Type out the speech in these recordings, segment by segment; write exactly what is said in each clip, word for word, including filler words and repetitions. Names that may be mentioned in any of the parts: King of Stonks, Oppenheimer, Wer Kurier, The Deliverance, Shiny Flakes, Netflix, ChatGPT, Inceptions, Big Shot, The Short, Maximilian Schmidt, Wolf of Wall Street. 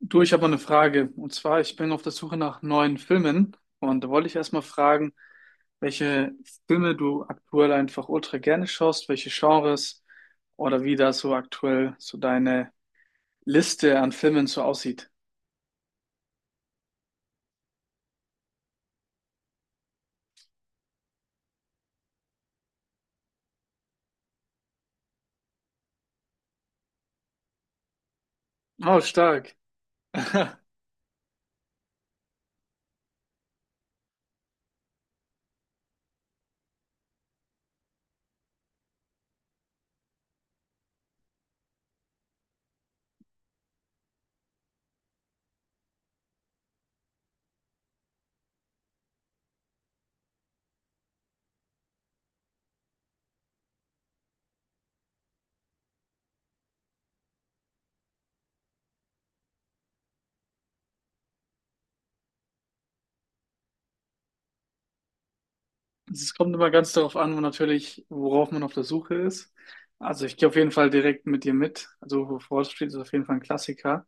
Du, ich habe mal eine Frage. Und zwar, ich bin auf der Suche nach neuen Filmen. Und da wollte ich erstmal fragen, welche Filme du aktuell einfach ultra gerne schaust, welche Genres oder wie da so aktuell so deine Liste an Filmen so aussieht. Oh, stark. Es kommt immer ganz darauf an, wo natürlich, worauf man auf der Suche ist. Also ich gehe auf jeden Fall direkt mit dir mit. Also Wolf of Wall Street ist auf jeden Fall ein Klassiker.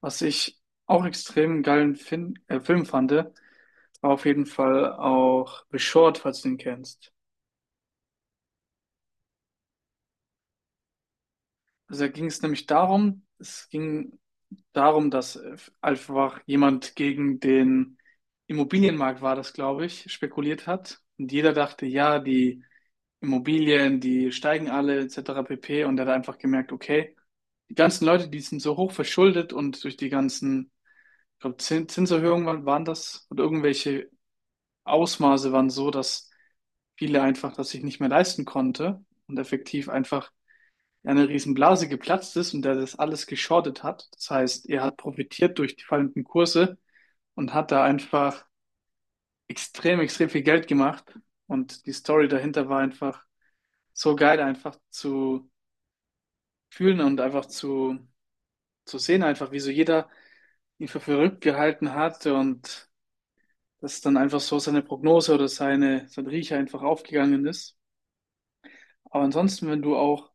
Was ich auch extrem geilen fin äh, Film fand, auf jeden Fall auch The Short, falls du ihn kennst. Also da ging es nämlich darum, es ging darum, dass äh, einfach jemand gegen den Immobilienmarkt war das, glaube ich, spekuliert hat. Und jeder dachte, ja, die Immobilien, die steigen alle, et cetera pp. Und er hat einfach gemerkt, okay, die ganzen Leute, die sind so hoch verschuldet und durch die ganzen, ich glaube, Zin- Zinserhöhungen waren waren das und irgendwelche Ausmaße waren so, dass viele einfach das sich nicht mehr leisten konnte und effektiv einfach eine Riesenblase geplatzt ist und der das alles geschortet hat. Das heißt, er hat profitiert durch die fallenden Kurse und hat da einfach extrem, extrem viel Geld gemacht. Und die Story dahinter war einfach so geil, einfach zu fühlen und einfach zu, zu sehen, einfach wie so jeder ihn für verrückt gehalten hat und dass dann einfach so seine Prognose oder seine, sein Riecher einfach aufgegangen ist. Aber ansonsten, wenn du auch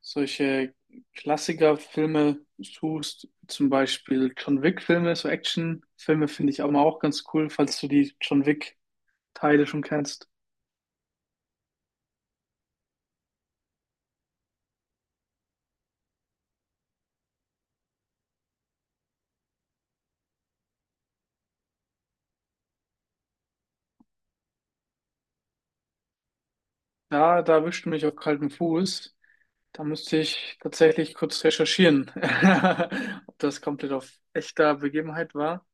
solche Klassikerfilme suchst, zum Beispiel John Wick-Filme, so Action-Filme finde ich aber auch ganz cool, falls du die John Wick-Teile schon kennst. Ja, da erwischt du mich auf kaltem Fuß. Da müsste ich tatsächlich kurz recherchieren, ob das komplett auf echter Begebenheit war.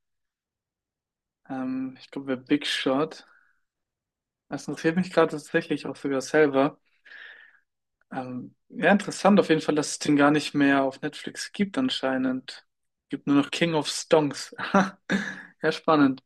Ähm, ich glaube, bei Big Shot. Das interessiert mich gerade tatsächlich auch sogar selber. Ähm, ja, interessant auf jeden Fall, dass es den gar nicht mehr auf Netflix gibt anscheinend. Gibt nur noch King of Stonks. Ja, spannend.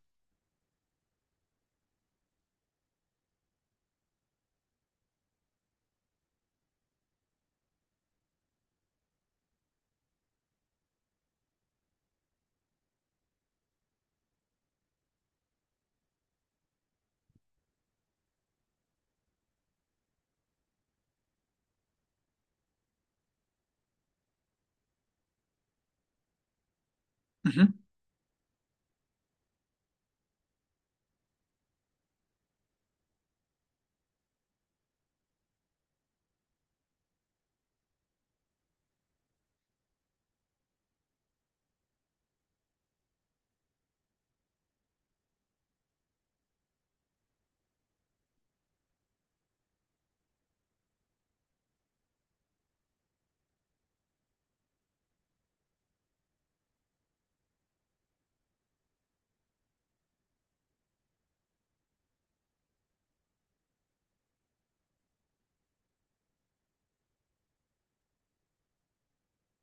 Mhm.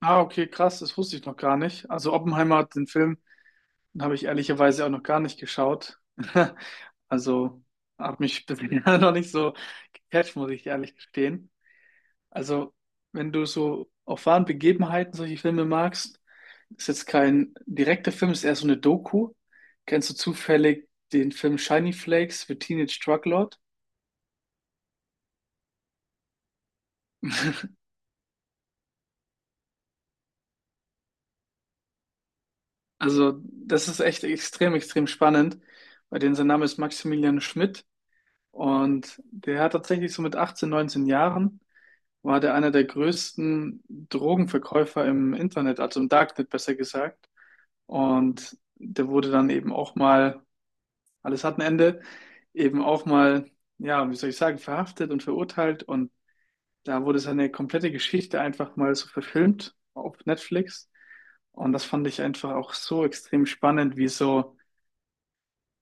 Ah, okay, krass, das wusste ich noch gar nicht. Also Oppenheimer, den Film, den habe ich ehrlicherweise auch noch gar nicht geschaut. Also hat mich bisher noch nicht so gecatcht, muss ich ehrlich gestehen. Also, wenn du so auf wahren Begebenheiten solche Filme magst, ist jetzt kein direkter Film, ist eher so eine Doku. Kennst du zufällig den Film Shiny Flakes für Teenage Drug Lord? Also, das ist echt extrem, extrem spannend, bei denen sein Name ist Maximilian Schmidt und der hat tatsächlich so mit achtzehn, neunzehn Jahren war der einer der größten Drogenverkäufer im Internet, also im Darknet besser gesagt. Und der wurde dann eben auch mal, alles hat ein Ende, eben auch mal, ja, wie soll ich sagen, verhaftet und verurteilt. Und da wurde seine komplette Geschichte einfach mal so verfilmt auf Netflix. Und das fand ich einfach auch so extrem spannend, wie so,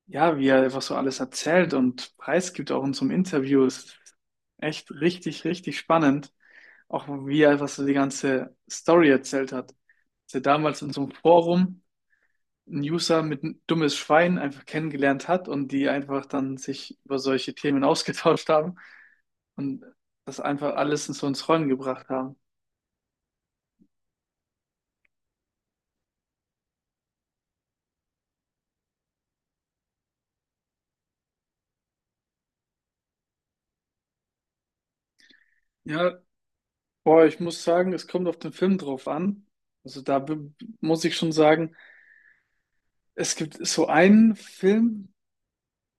ja, wie er einfach so alles erzählt und preisgibt auch in so einem Interview. Es Ist echt richtig, richtig spannend. Auch wie er einfach so die ganze Story erzählt hat. Dass er damals in so einem Forum einen User mit ein dummes Schwein einfach kennengelernt hat und die einfach dann sich über solche Themen ausgetauscht haben. Und das einfach alles so ins Rollen gebracht haben. Ja, boah, ich muss sagen, es kommt auf den Film drauf an. Also da be- muss ich schon sagen, es gibt so einen Film,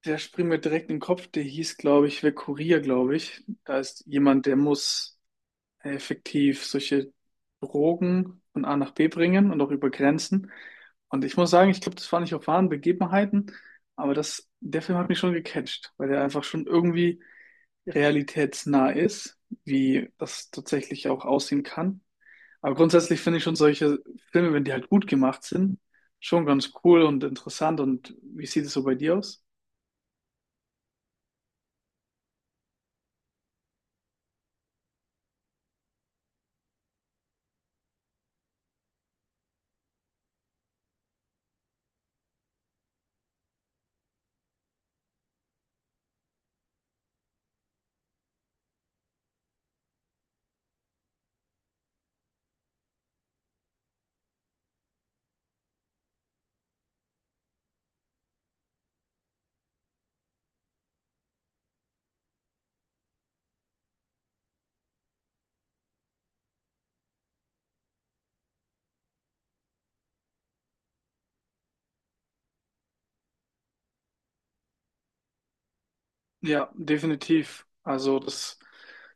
der springt mir direkt in den Kopf, der hieß, glaube ich, Wer Kurier, glaube ich. Da ist jemand, der muss effektiv solche Drogen von A nach B bringen und auch über Grenzen. Und ich muss sagen, ich glaube, das war nicht auf wahren Begebenheiten, aber das, der Film hat mich schon gecatcht, weil der einfach schon irgendwie realitätsnah ist, wie das tatsächlich auch aussehen kann. Aber grundsätzlich finde ich schon solche Filme, wenn die halt gut gemacht sind, schon ganz cool und interessant. Und wie sieht es so bei dir aus? Ja, definitiv. Also das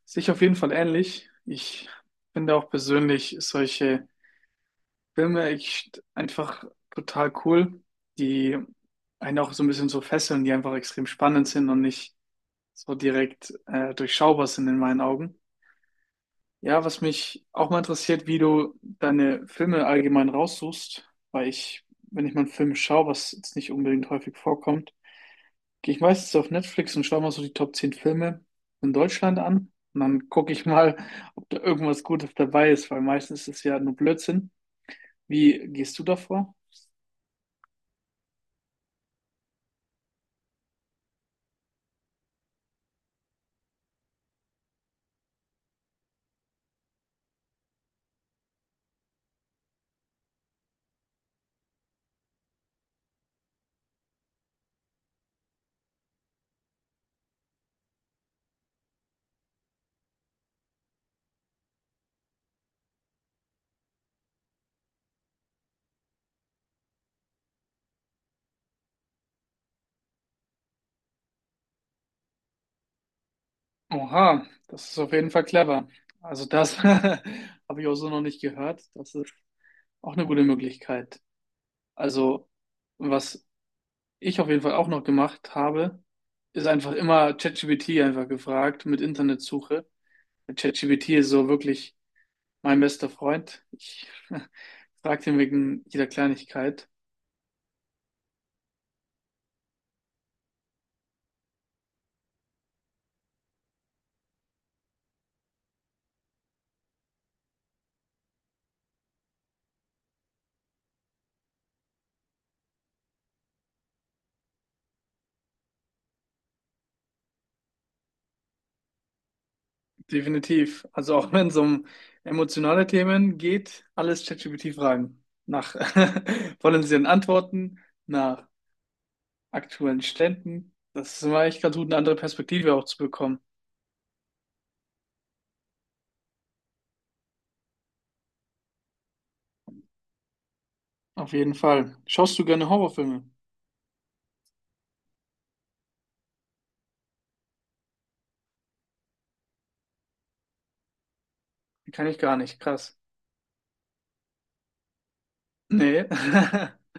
sehe ich auf jeden Fall ähnlich. Ich finde auch persönlich solche Filme echt einfach total cool, die einen auch so ein bisschen so fesseln, die einfach extrem spannend sind und nicht so direkt äh, durchschaubar sind in meinen Augen. Ja, was mich auch mal interessiert, wie du deine Filme allgemein raussuchst, weil ich, wenn ich mal einen Film schaue, was jetzt nicht unbedingt häufig vorkommt, gehe ich meistens auf Netflix und schaue mal so die Top zehn Filme in Deutschland an und dann gucke ich mal, ob da irgendwas Gutes dabei ist, weil meistens ist es ja nur Blödsinn. Wie gehst du davor? Oha, das ist auf jeden Fall clever. Also das habe ich auch so noch nicht gehört. Das ist auch eine gute Möglichkeit. Also was ich auf jeden Fall auch noch gemacht habe, ist einfach immer ChatGPT einfach gefragt mit Internetsuche. ChatGPT ist so wirklich mein bester Freund. Ich frage ihn wegen jeder Kleinigkeit. Definitiv. Also auch wenn es um emotionale Themen geht, alles ChatGPT fragen. Nach potenziellen Antworten, nach aktuellen Ständen. Das ist immer echt ganz gut, eine andere Perspektive auch zu bekommen. Auf jeden Fall. Schaust du gerne Horrorfilme? Kann ich gar nicht. Krass. Nee.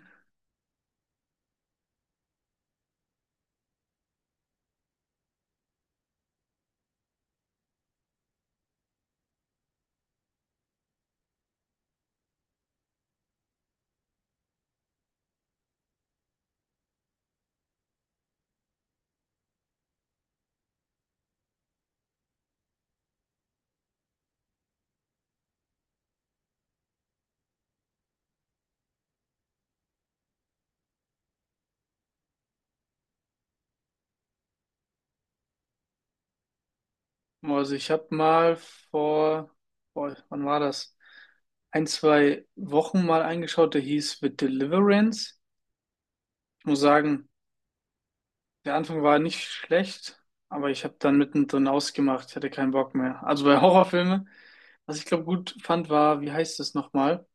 Also ich habe mal vor, boah, wann war das? Ein, zwei Wochen mal eingeschaut, der hieß The Deliverance. Ich muss sagen, der Anfang war nicht schlecht, aber ich habe dann mittendrin ausgemacht, ich hatte keinen Bock mehr. Also bei Horrorfilmen, was ich glaube gut fand, war, wie heißt das nochmal?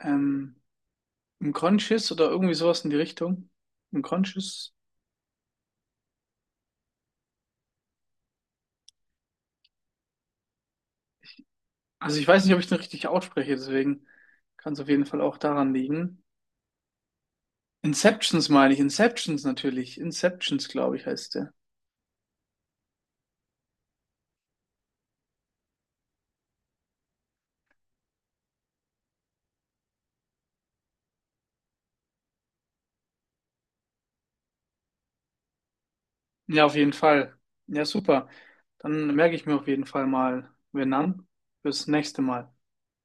Ähm, Unconscious oder irgendwie sowas in die Richtung. Unconscious. Also ich weiß nicht, ob ich den richtig ausspreche, deswegen kann es auf jeden Fall auch daran liegen. Inceptions meine ich. Inceptions natürlich. Inceptions, glaube ich, heißt der. Ja, auf jeden Fall. Ja, super. Dann merke ich mir auf jeden Fall mal Vietnam fürs nächste Mal.